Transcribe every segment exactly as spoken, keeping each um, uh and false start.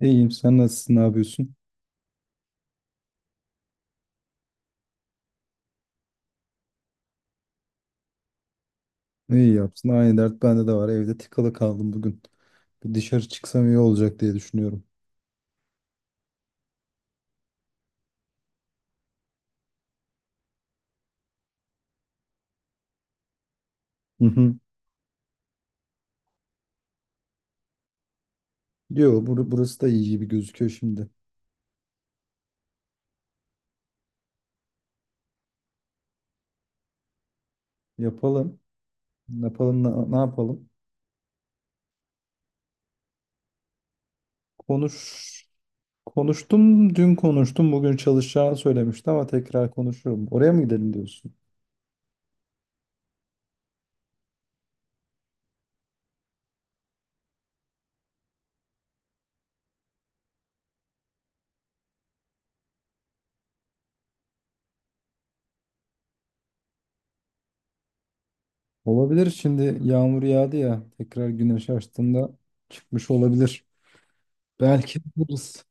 İyiyim. Sen nasılsın? Ne yapıyorsun? Ne yapsın? Aynı dert bende de var. Evde tıkalı kaldım bugün. Bir dışarı çıksam iyi olacak diye düşünüyorum. Hı hı. Yo, bur- burası da iyi gibi gözüküyor şimdi. Yapalım. Yapalım. Ne, ne yapalım? Konuş. Konuştum. Dün konuştum. Bugün çalışacağını söylemişti ama tekrar konuşurum. Oraya mı gidelim diyorsun? Olabilir. Şimdi yağmur yağdı ya. Tekrar güneş açtığında çıkmış olabilir. Belki buluruz.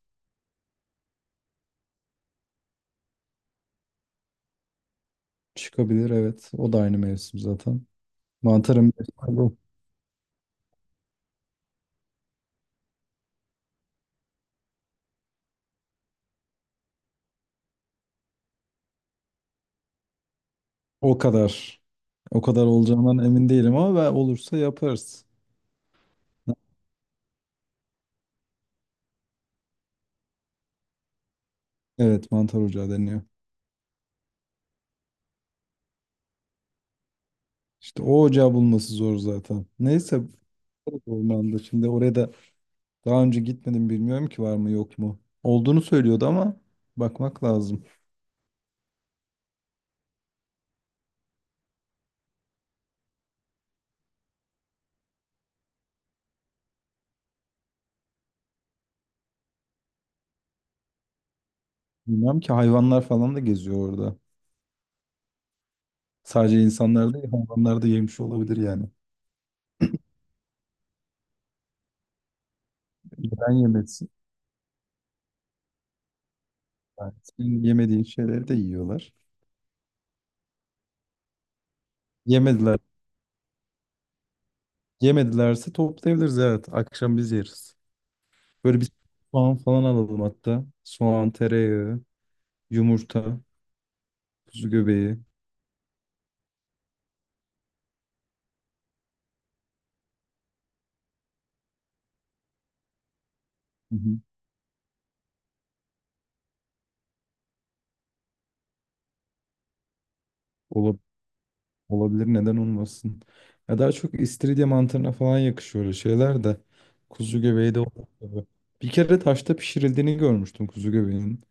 Çıkabilir, evet. O da aynı mevsim zaten. Mantarım o o kadar. O kadar olacağından emin değilim ama ben olursa yaparız. Evet, mantar ocağı deniyor. İşte o ocağı bulması zor zaten. Neyse, ormanda şimdi oraya da daha önce gitmedim, bilmiyorum ki var mı yok mu. Olduğunu söylüyordu ama bakmak lazım. Bilmiyorum ki, hayvanlar falan da geziyor orada. Sadece insanlar değil, hayvanlar da yemiş olabilir yani. Neden yemesin? Yani senin yemediğin şeyleri de yiyorlar. Yemediler. Yemedilerse toplayabiliriz, evet. Akşam biz yeriz. Böyle bir soğan falan alalım hatta. Soğan, tereyağı, yumurta, kuzu göbeği. Hı hı. Ola- Olabilir, neden olmasın. Ya daha çok istiridye mantarına falan yakışıyor öyle şeyler de. Kuzu göbeği de olur tabii. Bir kere taşta pişirildiğini görmüştüm kuzu göbeğinin.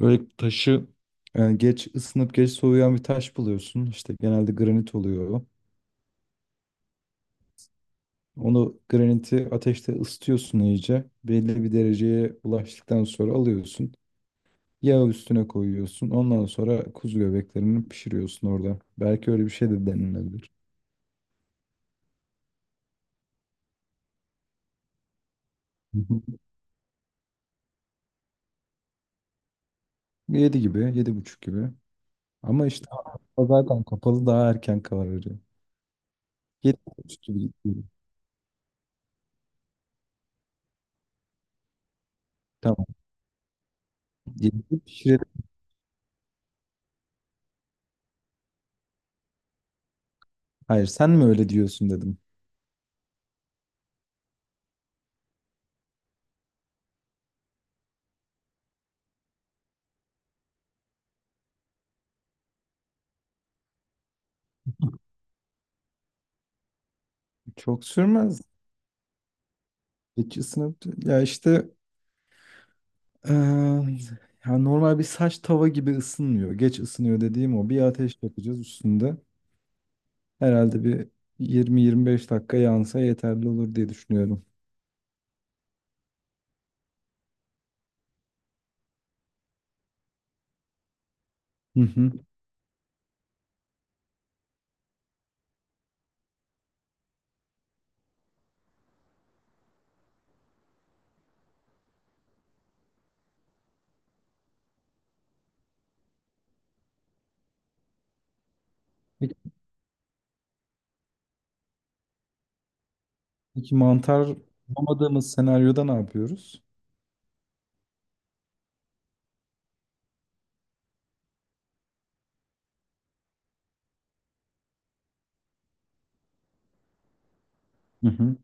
Böyle taşı, e, geç ısınıp geç soğuyan bir taş buluyorsun. İşte genelde granit oluyor o. Onu, graniti, ateşte ısıtıyorsun iyice. Belli bir dereceye ulaştıktan sonra alıyorsun. Yağ üstüne koyuyorsun. Ondan sonra kuzu göbeklerini pişiriyorsun orada. Belki öyle bir şey de denilebilir. Hı hı. Yedi gibi, yedi buçuk gibi. Ama işte hava zaten kapalı, daha erken kararıyor. Yedi buçuk gibi gidiyor. Tamam. Yedi gibi pişirelim. Hayır, sen mi öyle diyorsun dedim. Çok sürmez. Geç ısınıp, ya işte, eee, ya normal bir saç tava gibi ısınmıyor. Geç ısınıyor dediğim o. Bir ateş yapacağız üstünde. Herhalde bir yirmi yirmi beş dakika yansa yeterli olur diye düşünüyorum. Hı hı. Peki, peki mantar bulamadığımız senaryoda ne yapıyoruz? Hı hı.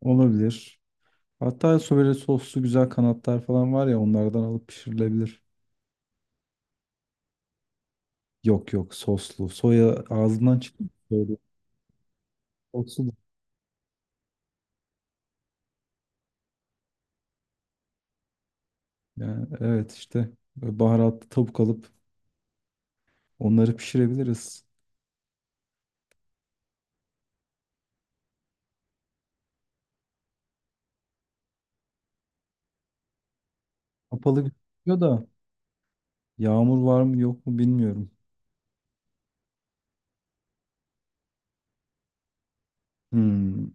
Olabilir. Hatta so, böyle soslu güzel kanatlar falan var ya, onlardan alıp pişirilebilir. Yok yok, soslu. Soya ağzından çıkıyor. Böyle soslu. Da. Yani evet, işte böyle baharatlı tavuk alıp onları pişirebiliriz. Kapalı gözüküyor da yağmur var mı yok mu bilmiyorum. Hmm.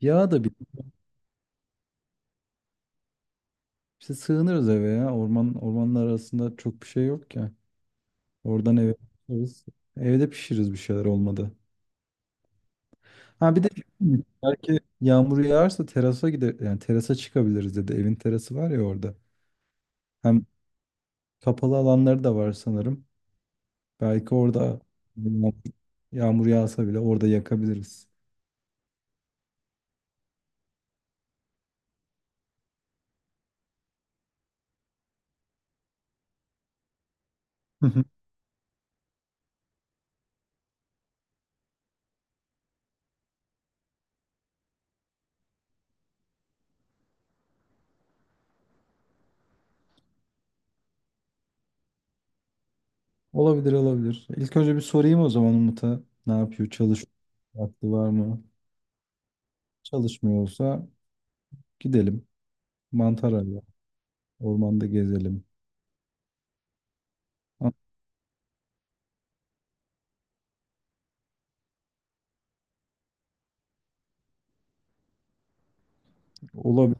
Yağ da bir. İşte sığınırız eve ya. Orman, ormanlar arasında çok bir şey yok ki. Oradan eve pişiririz. Evde pişiririz bir şeyler, olmadı. Ha, bir de belki yağmur yağarsa terasa gider, yani terasa çıkabiliriz dedi. Evin terası var ya orada. Hem kapalı alanları da var sanırım. Belki orada yağmur yağmur yağsa bile orada yakabiliriz. Hı hı. Olabilir, olabilir. İlk önce bir sorayım o zaman Umut'a, ne yapıyor? Çalış vakti var mı? Çalışmıyorsa gidelim. Mantar arayalım. Ormanda gezelim. Olabilir,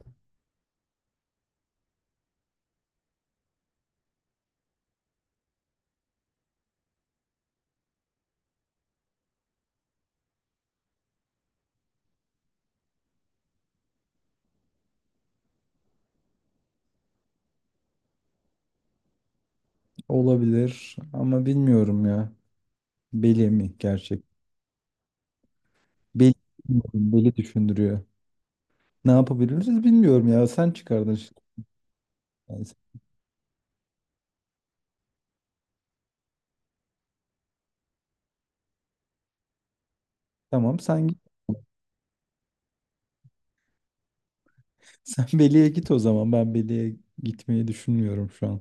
olabilir ama bilmiyorum ya. Beli mi gerçek? Beli, bilmiyorum, beli düşündürüyor. Ne yapabiliriz bilmiyorum ya. Sen çıkardın şimdi. Yani sen- Tamam, sen git. Sen Beli'ye git o zaman. Ben Beli'ye gitmeyi düşünmüyorum şu an.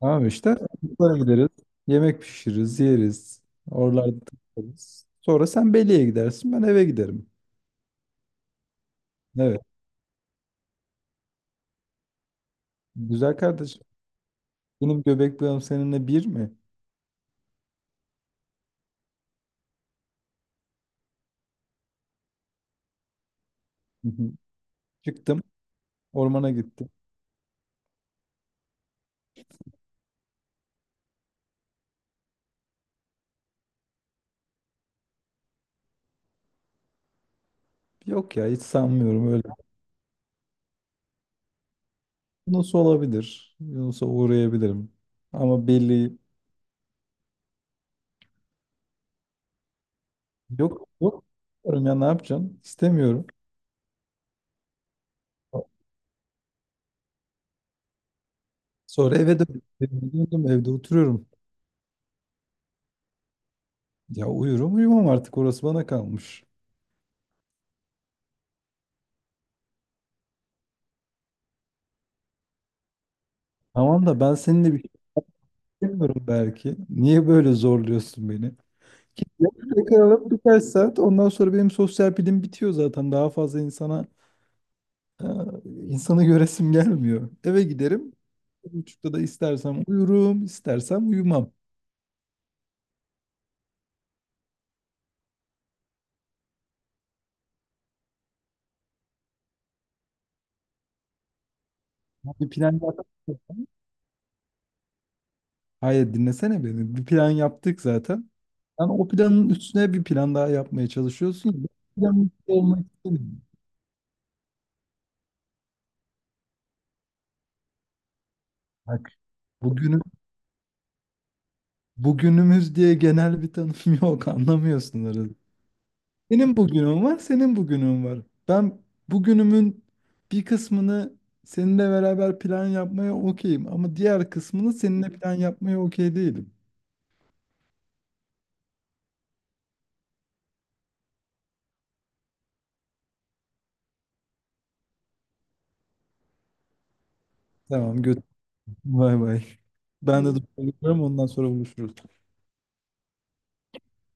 Tamam işte. Oralara gideriz. Yemek pişiririz, yeriz. Oralarda takılırız. Sonra sen Beli'ye gidersin. Ben eve giderim. Evet. Güzel kardeşim. Benim göbek bağım seninle bir mi? Hı hı. Çıktım. Ormana gittim. Yok ya, hiç sanmıyorum öyle. Yunus olabilir. Yunus'a uğrayabilirim. Ama belli, yok yok. Ya ne yapacaksın? İstemiyorum. Sonra eve dön- döndüm. Evde oturuyorum. Ya uyurum, uyumam artık. Orası bana kalmış. Tamam da ben seninle bir şey istemiyorum belki. Niye böyle zorluyorsun beni? Yakalım birkaç saat. Ondan sonra benim sosyal pilim bitiyor zaten. Daha fazla insana, e, insanı göresim gelmiyor. Eve giderim. Bir buçukta da istersem uyurum, istersem uyumam. Bir plan yapamam. Hayır, dinlesene beni. Bir plan yaptık zaten. Sen o planın üstüne bir plan daha yapmaya çalışıyorsun. Ben o planın üstünde olmak istemiyorum. Bak, bugünü, bugünümüz diye genel bir tanım yok, anlamıyorsun arada. Benim bugünüm var, senin bugünün var. Ben bugünümün bir kısmını seninle beraber plan yapmaya okeyim ama diğer kısmını seninle plan yapmaya okey değilim. Tamam, götür. Bay bay. Ben de duruyorum, ondan sonra buluşuruz.